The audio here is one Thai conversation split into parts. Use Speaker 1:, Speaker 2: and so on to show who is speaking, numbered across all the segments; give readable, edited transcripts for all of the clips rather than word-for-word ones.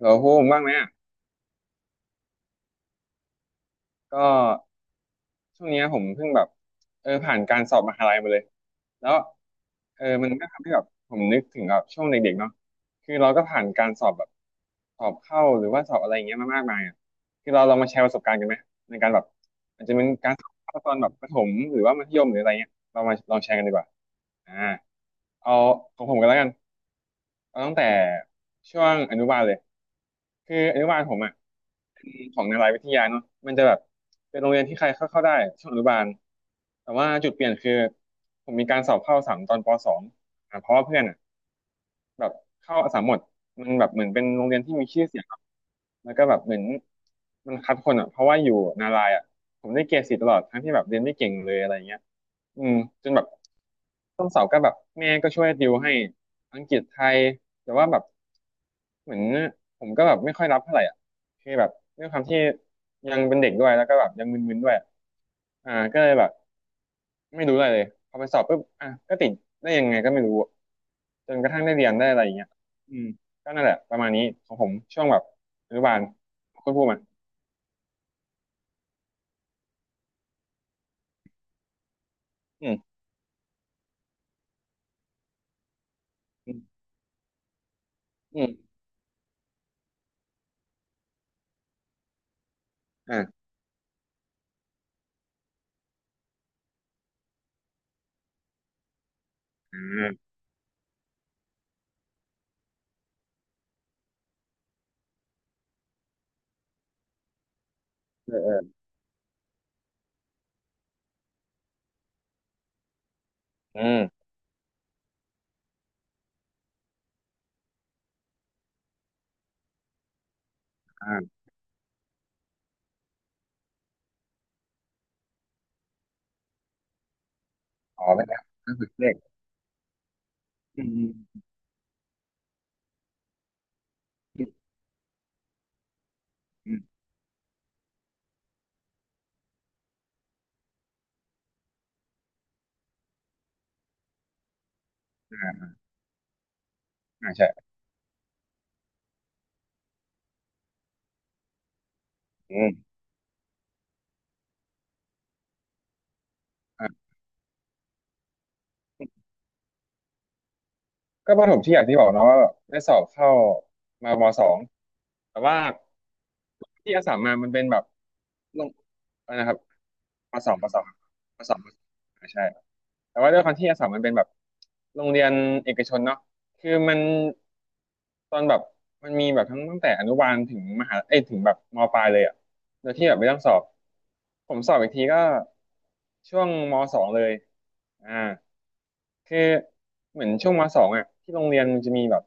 Speaker 1: พูดผมบ้างไหมอ่ะก็ช่วงเนี้ยผมเพิ่งแบบผ่านการสอบมหาลัยมาเลยแล้วมันก็ทำให้แบบผมนึกถึงแบบช่วงเด็กๆเนาะคือเราก็ผ่านการสอบแบบสอบเข้าหรือว่าสอบอะไรอย่างเงี้ยมามากมายอ่ะคือเราลองมาแชร์ประสบการณ์กันไหมในการแบบอาจจะเป็นการสอบเข้าตอนแบบประถมหรือว่ามัธยมหรืออะไรเงี้ยเรามาลองแชร์กันดีกว่าอ่าเอาของผมกันแล้วกัน เอาตั้งแต่ช่วงอนุบาลเลยคืออนุบาลผมอ่ะของนารายวิทยาเนาะมันจะแบบเป็นโรงเรียนที่ใครเข้าเข้าได้ช่วงอนุบาลแต่ว่าจุดเปลี่ยนคือผมมีการสอบเข้าสามตอนปสองอ่ะเพราะว่าเพื่อนอ่ะแบบเข้าสามหมดมันแบบเหมือนเป็นโรงเรียนที่มีชื่อเสียงเนอะแล้วก็แบบเหมือนมันคัดคนอ่ะเพราะว่าอยู่นารายอ่ะผมได้เกรดสี่ตลอดทั้งที่แบบเรียนไม่เก่งเลยอะไรเงี้ย อืมจนแบบต้นเสาร์ก็แบบแม่ก็ช่วยติวให้อังกฤษไทยแต่ว่าแบบเหมือนผมก็แบบไม่ค่อยรับเท่าไหร่อ่ะคือแบบด้วยความที่ยังเป็นเด็กด้วยแล้วก็แบบยังมึนๆด้วยก็เลยแบบไม่รู้อะไรเลยพอไปสอบปุ๊บอ่ะก็ติดได้ยังไงก็ไม่รู้จนกระทั่งได้เรียนได้อะไรอย่างเงี้ยอืมก็นั่นแหละประมาณนี้ของผมช่วงแบบอนุบาลคุณพูดมาอืมอืมอืมอ่าเออเอออืมอ่าอ๋อเป็นไงก็คือเลขอืม อืมอมใช่อืมอ่ะก็ประถมที่อย่างที่บอกเนาะว่าแบบได้สอบเข้ามามสองแต่ว่าที่อาสามมามันเป็นแบบลงอะไรนะครับมสองมสองมสองใช่แต่ว่าด้วยความที่อาสามมันเป็นแบบโรงเรียนเอกชนเนาะคือมันตอนแบบมันมีแบบทั้งตั้งแต่อนุบาลถึงมหาเอ้ยถึงแบบมปลายเลยอ่ะโดยที่แบบไม่ต้องสอบผมสอบอีกทีก็ช่วงมสองเลยอ่า คือเหมือนช่วงมสองอ่ะที่โรงเรียนมันจะมีแบบ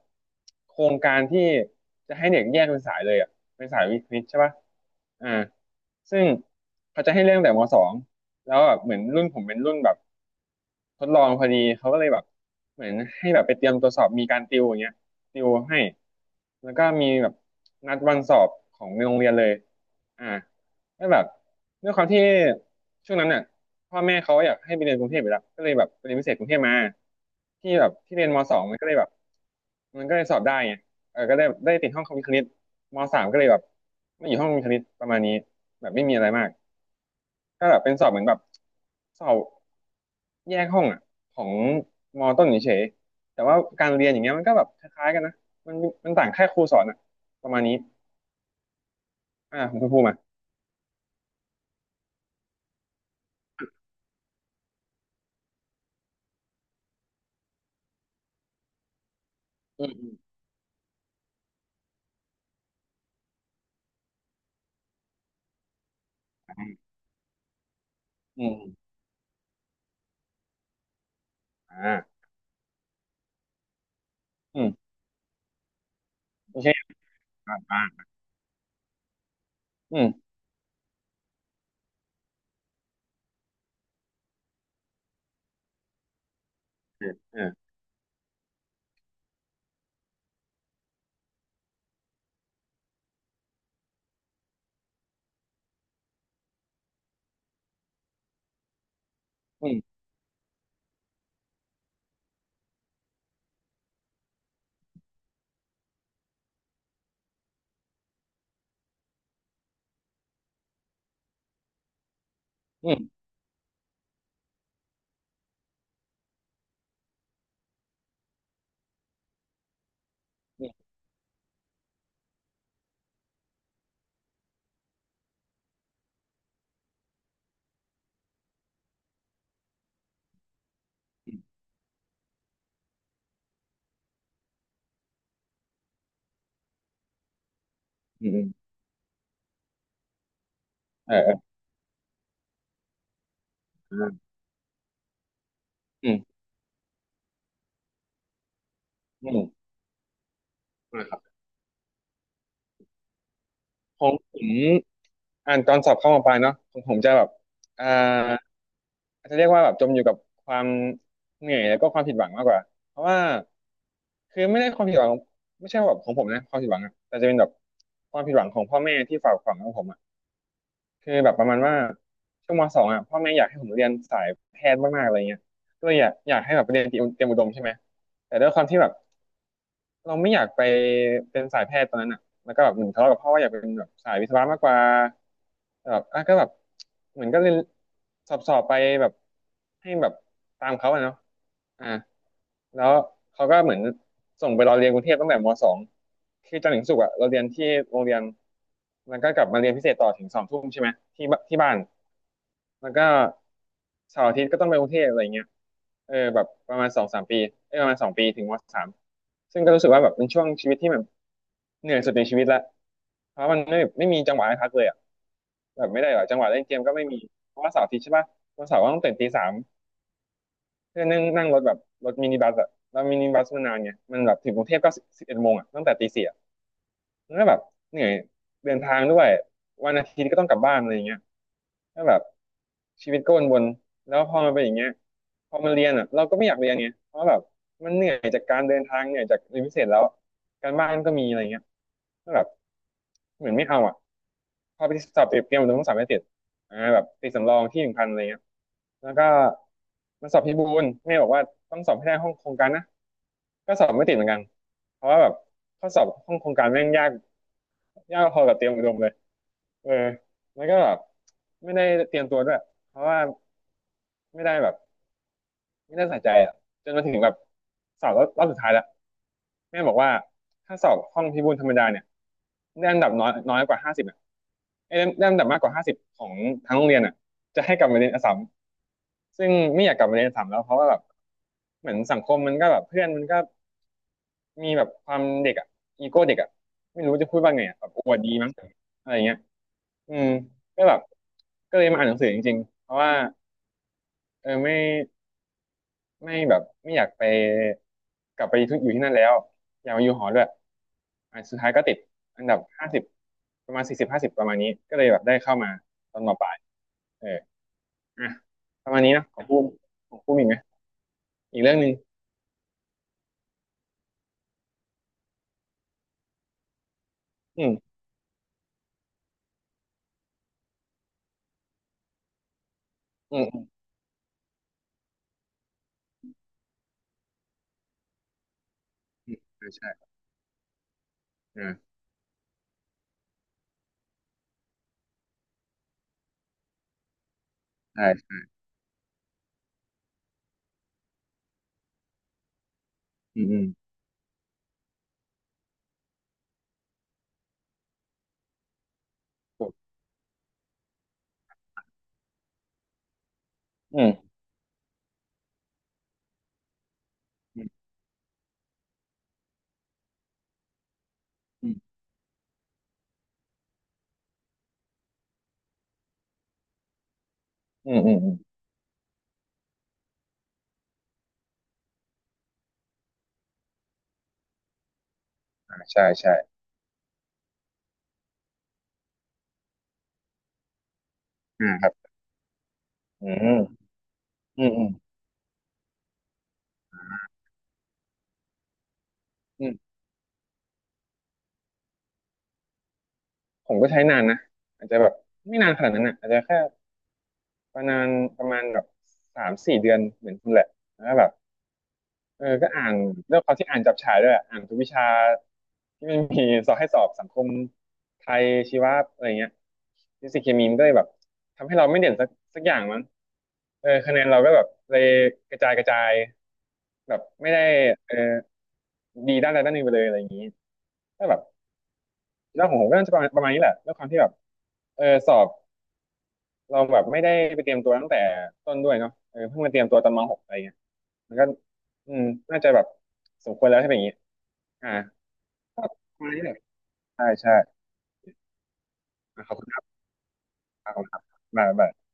Speaker 1: โครงการที่จะให้เด็กแยกเป็นสายเลยอ่ะเป็นสายวิทย์วิทใช่ป่ะอ่าซึ่งเขาจะให้เร่องแต่มสองแล้วแบบเหมือนรุ่นผมเป็นรุ่นแบบทดลองพอดีเขาก็เลยแบบเหมือนให้แบบไปเตรียมตัวสอบมีการติวอย่างเงี้ยติวให้แล้วก็มีแบบนัดวันสอบของในโรงเรียนเลยอ่าแล้วแบบด้วยความที่ช่วงนั้นอ่ะ พ่อแม่เขาอยากให้ไปเรียนกรุงเทพอยู่แล้วก็เลยแบบไปเรียนพิเศษกรุงเทพมาที่แบบที่เรียนมสองมันก็เลยแบบมันก็เลยสอบได้ไงก็ได้ติดห้องคอมพิวเตอร์คณิตมสามก็เลยแบบไม่อยู่ห้องคอมพิวเตอร์คณิตประมาณนี้แบบไม่มีอะไรมากก็แบบเป็นสอบเหมือนแบบสอบแยกห้องอ่ะของมต้นเฉยๆแต่ว่าการเรียนอย่างเงี้ยมันก็แบบคล้ายๆกันนะมันมันต่างแค่ครูสอนอ่ะประมาณนี้ของคุณภูมิอ่ะอืมอืมอืมอืมโอเคอ่าอ่าอืมเออเอออืมอืม อืมอืมเออเออเอออืมอืมนะครับของผมอ่านตอนสอบเข้ามปลายเนาะของผมจะแบบอ่าอาจจะเรียกว่าแบบจมอยู่กับความเหนื่อยแล้วก็ความผิดหวังมากกว่าเพราะว่าคือไม่ได้ความผิดหวังไม่ใช่ว่าแบบของผมนะความผิดหวังอะแต่จะเป็นแบบความผิดหวังของพ่อแม่ที่ฝากฝังกับผมอ่ะคือแบบประมาณว่าช่วงมสองอ่ะพ่อแม่อยากให้ผมเรียนสายแพทย์มากๆอะไรเงี้ยก็เลยอยากให้แบบไปเรียนเตรียมอุดมใช่ไหมแต่ด้วยความที่แบบ เราไม่อยากไปเป็นสายแพทย์ตอนนั้นอ่ะแล้วก็แบบเหมือนทะเลาะกับพ่อว่าอยากเป็นแบบสายวิศวะมากกว่าแต่แบบอ่ะก็แบบเหมือนก็เรียนสอบไปแบบให้แบบตามเขาอะเนาะอ่าแล้วเขาก็เหมือนส่งไปเราเรียนกรุงเทพตั้งแต่มสองคือจันทร์ถึงศุกร์อะเราเรียนที่โรงเรียน แล้วก็กลับมาเรียนพิเศษต่อถึงสองทุ่มใช่ไหมที่บ้าน แล้วก็เสาร์อาทิตย์ก็ต้องไปกรุงเทพอะไรเงี้ยเออแบบประมาณสองสามปีเออประมาณ2 ปีถึงม.3ซึ่งก็รู้สึกว่าแบบเป็นช่วงชีวิตที่แบบเหนื่อยสุดในชีวิตละเพราะมันไม่มีจังหวะให้พักเลยอ่ะแบบไม่ได้หรอจังหวะเล่นเกมก็ไม่มีเพราะว่าเสาร์อาทิตย์ใช่ปะวันเสาร์ก็ต้องตื่นตี 3เพื่อนั่งนั่งรถแบบรถมินิบัสอ่ะแล้วมินิบัสมันนานไงมันแบบถึงกรุงเทพก็11 โมงอ่ะตั้งแต่ตี 4อ่ะมันก็แบบเหนื่อยเดินทางด้วยวันอาทิตย์ก็ต้องกลับบ้านอะไรอย่างเงี้ย ก็แบบชีวิตก็วนๆแล้วพอมันเป็นอย่างเงี้ยพอมันเรียนอ่ะเราก็ไม่อยากเรียนไงเพราะแบบมันเหนื่อยจากการเดินทางเหนื่อยจากเรียนพิเศษแล้วการบ้านก็มีอะไรเงี้ยก็แบบเหมือนไม่เอาอ่ะพอไปสอบเตรียมตัวต้องสอบให้เสร็จอ่าแบบติดสำรองที่1,000อะไรเงี้ยแล้วก็มันสอบพิบูลแม่บอกว่าต้องสอบให้ได้ห้องโครงการนะก็สอบไม่ติดเหมือนกันเพราะว่าแบบข้อสอบห้องโครงการแม่งยากยากพอกับเตรียมอุดมเลยเออแล้วก็แบบไม่ได้เตรียมตัวด้วยเพราะว่าไม่ได้แบบ ไม่น่าสนใจอ่ะจนมาถึงแบบสอบรอบสุดท้ายแล้วแม่บอกว่าถ้าสอบห้องพิบูลธรรมดาเนี่ยได้อันดับน้อยน้อยกว่าห้าสิบอ่ะไอ้ยได้ได้อันดับมากกว่าห้าสิบของทั้งโรงเรียนอ่ะจะให้กลับมาเรียนอัสสัมซึ่งไม่อยากกลับมาเรียนอัสสัมแล้วเพราะว่าแบบเหมือนสังคมมันก็แบบเพื่อนมันก็มีแบบความเด็กอ่ะอีโก้เด็กอ่ะไม่รู้จะพูดว่าไงอะแบบอวดดีมั้งอะไรเงี้ยอืมก็แบบก็เลยมาอ่านหนังสือจริงๆเพราะว่าเออไม่ ไม่แบบไม่อยากไปกลับไปทุกอยู่ที่นั่นแล้วอยากมาอยู่หอด้วยอ่ะสุดท้ายก็ติดอันดับห้าสิบประมาณ40ห้าสิบประมาณนี้ก็เลยแบบได้เข้ามาตอนม.ปลายเอออ่ะประมาณนี้นะของพูดของพูดอีกไหมอีกเรื่องหนึ่งอืมอืมอืมอืมใช่ใช่อ่าใช่ใช่อืมอืมถูกอืมอืมอืมอืมอืมอืมอ่าใช่ใช่อ่าครับอืมอืมอืมอืมผมก็ใช้นานนะอาจจะแบบไม่นานขนาดนั้นอ่ะอาจจะแค่ ประมาณประมาณแบบ3-4 เดือนเหมือนคุณแหละแล้วก็แบบเออก็อ่านเรื่องความที่อ่านจับฉายด้วยอะอ่านทุกวิชาที่มันมีสอบให้สอบสังคมไทยชีวะอะไรเงี้ยฟิสิกส์เคมีมันก็เลยแบบทำให้เราไม่เด่นสักอย่างมั้งเออคะแนนเราก็แบบเลยกระจายกระจายแบบไม่ได้เออดีด้านใดด้านหนึ่งไปเลยอะไรอย่างนี้ก็แบบเรื่องของผมก็น่าจะประมาณนี้แหละด้วยความที่แบบเออสอบเราแบบไม่ได้ไปเตรียมตัวตั้งแต่ต้นด้วยเนาะเออเพิ่งมาเตรียมตัวตอนม.6อะไรเงี้ย มันก็อืมน่าจะแบบสมควรแล้วใช่ไหมอย่างนี้อ่าก็ประมาณนี้แหละใช่ใช่อ่ะขอบคุณครับขอบคุณครับบ๊ายบาย